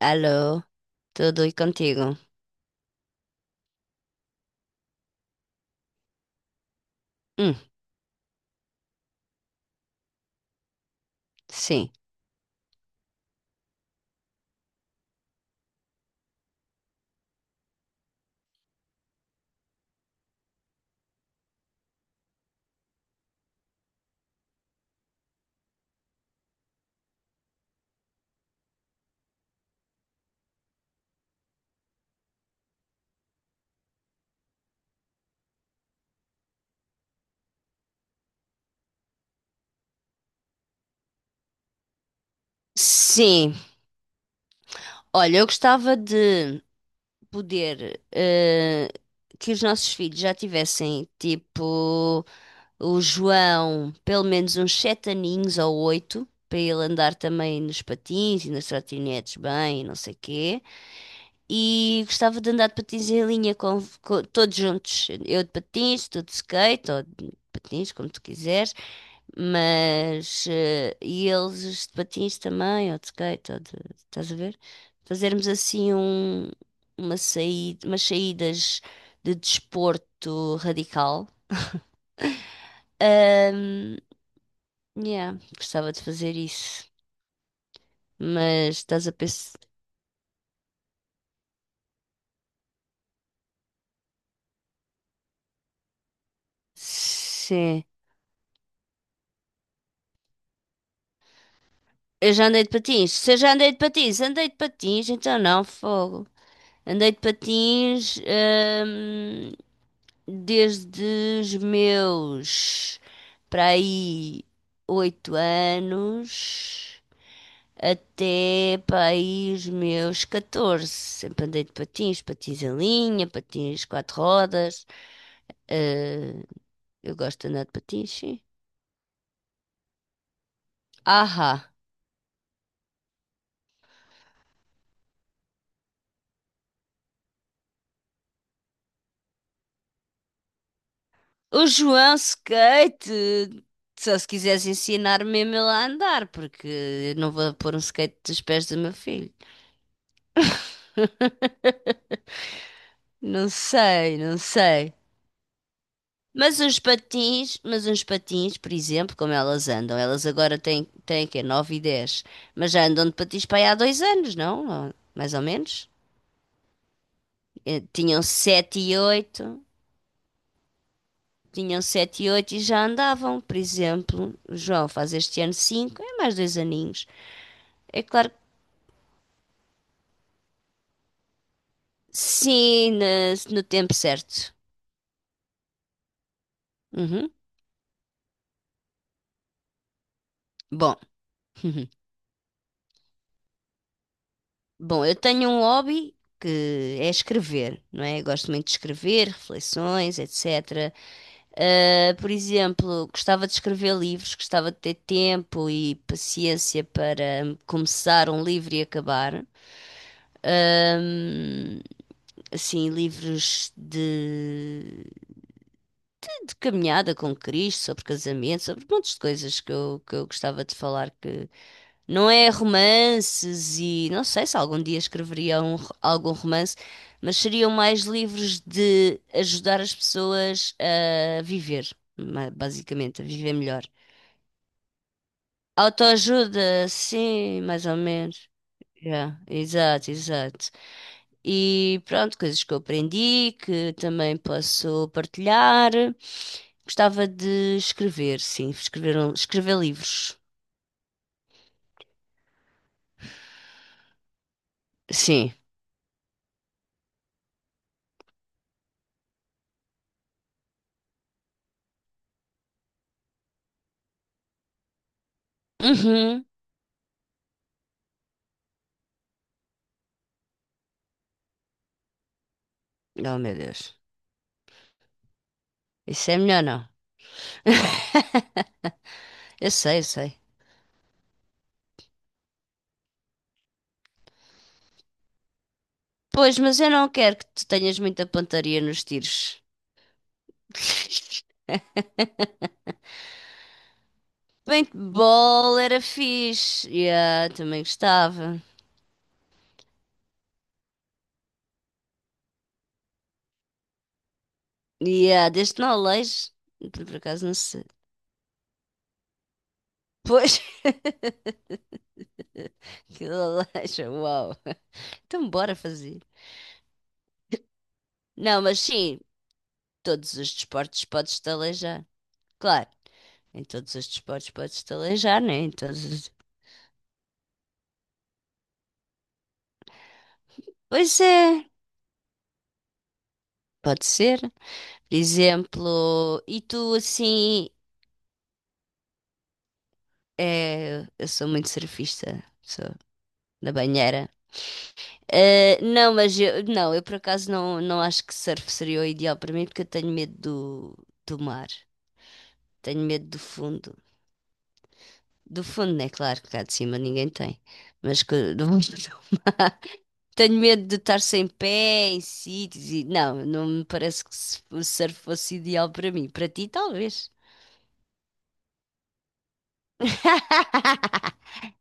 Alô, tudo e contigo? Hum, sim. Sim, olha, eu gostava de poder que os nossos filhos já tivessem, tipo, o João, pelo menos uns 7 aninhos ou 8, para ele andar também nos patins e nas trotinetes bem, e não sei quê. E gostava de andar de patins em linha com todos juntos. Eu de patins, tu de skate, ou de patins, como tu quiseres. Mas, e eles de patins também, ou de skate, ou de, estás a ver? Fazermos assim uma saída, umas saídas de desporto radical. Ahm, yeah, gostava de fazer isso. Mas estás a pensar. Sim. Eu já andei de patins. Se eu já andei de patins, então não, fogo. Andei de patins, desde os meus para aí 8 anos até para aí os meus 14. Sempre andei de patins, patins em linha, patins quatro rodas. Eh, eu gosto de andar de patins, sim. Ahá. O João skate! Só se quiseres ensinar mesmo ele a andar, porque eu não vou pôr um skate dos pés do meu filho. Não sei, não sei. Mas uns patins, por exemplo, como elas andam, elas agora têm que é 9 e 10, mas já andam de patins para aí há 2 anos, não? Ou- mais ou menos. Tinham 7 e 8, tinham 7 e 8 e já andavam, por exemplo. O João faz este ano 5, é mais 2 aninhos. É claro que sim, no, no tempo certo. Uhum. Bom, bom, eu tenho um hobby que é escrever, não é? Eu gosto muito de escrever, reflexões, etc. Por exemplo, gostava de escrever livros, gostava de ter tempo e paciência para começar um livro e acabar. Um, assim, livros de caminhada com Cristo, sobre casamento, sobre montes de coisas que eu gostava de falar que não é romances e não sei se algum dia escreveria algum romance, mas seriam mais livros de ajudar as pessoas a viver, basicamente, a viver melhor. Autoajuda, sim, mais ou menos. Já exato, exato. E pronto, coisas que eu aprendi, que também posso partilhar. Gostava de escrever, sim, escrever, escrever livros. Sim. Uhum. Oh, meu Deus. Isso é melhor não. Eu sei, eu sei. Pois, mas eu não quero que tu tenhas muita pontaria nos tiros. Paintball era fixe. Yeah, também gostava. E ah, desde que não aleije, por acaso não sei. Pois, que aleija, uau. Então bora fazer. Não, mas sim, todos os desportos podes-te aleijar. Claro, em todos os desportos podes-te aleijar, né? Em todos os... Pois é, pode ser. Por exemplo, e tu assim, é, eu sou muito surfista, sou da banheira. Não, mas eu, não, eu por acaso não, não acho que surf seria o ideal para mim porque eu tenho medo do, do mar, tenho medo do fundo. Do fundo, né? Claro que cá de cima ninguém tem, mas do tenho medo de estar sem pé em sítios e não, não me parece que o surf fosse ideal para mim. Para ti, talvez.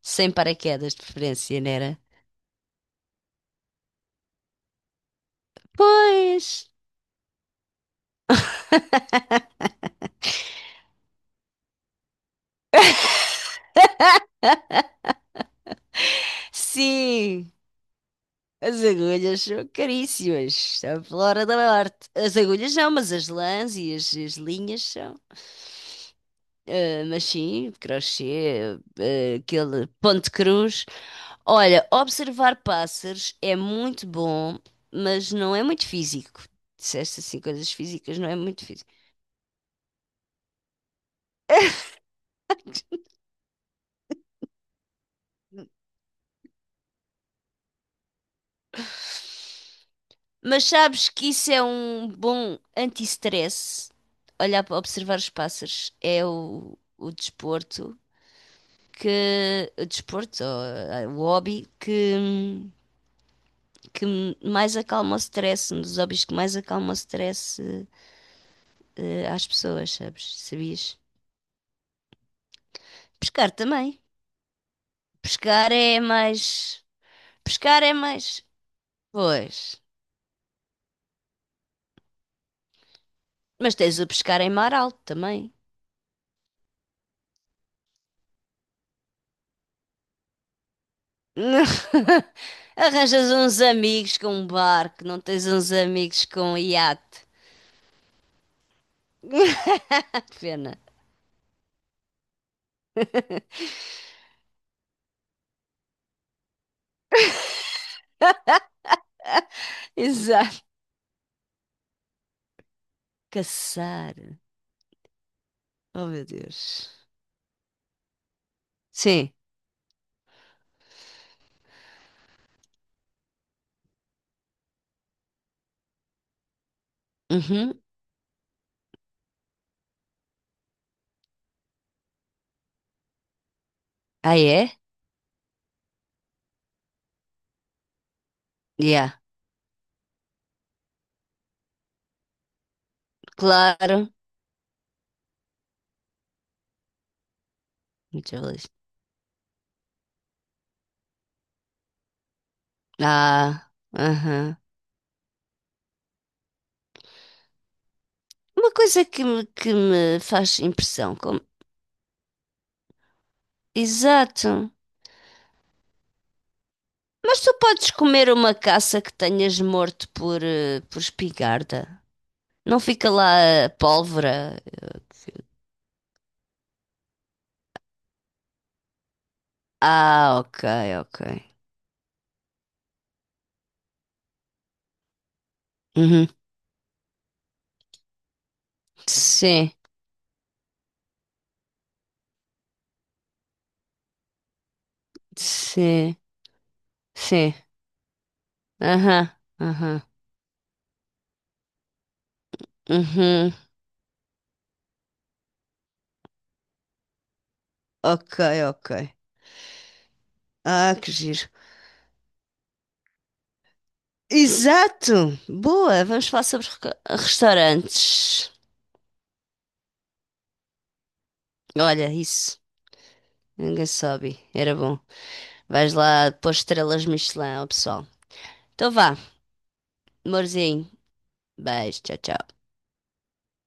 Sem paraquedas de preferência, não era? Pois, sim. As agulhas são caríssimas, a flora da morte. As agulhas não, mas as lãs e as linhas são. Ah, mas sim, crochê, ah, aquele ponto de cruz. Olha, observar pássaros é muito bom, mas não é muito físico. Disseste assim, coisas físicas não é muito físico. Mas sabes que isso é um bom anti-stress? Olhar para observar os pássaros é o desporto que o desporto, ou, o hobby que mais acalma o stress, um dos hobbies que mais acalma o stress às pessoas, sabes? Sabias? Pescar também. Pescar é mais. Pescar é mais. Pois. Mas tens o pescar em mar alto também. Arranjas uns amigos com um barco, não tens uns amigos com um iate. Pena. Exato. Caçar. Oh, meu Deus. Sim. Uhum. Ah, é? Yeah. Claro. Muito feliz. Ah, aham. Uma coisa que me faz impressão, como... Exato. Mas tu podes comer uma caça que tenhas morto por, por espingarda? Não fica lá a pólvora? Ah, ok, ok. Uhum. Sim, sim, sim. Aham, aham. Uhum. Ok, ok. Ah, que giro. Exato! Boa! Vamos falar sobre restaurantes. Olha, isso. Ninguém sobe. Era bom. Vais lá pôr estrelas Michelin ao pessoal. Então vá, amorzinho. Beijo, tchau, tchau.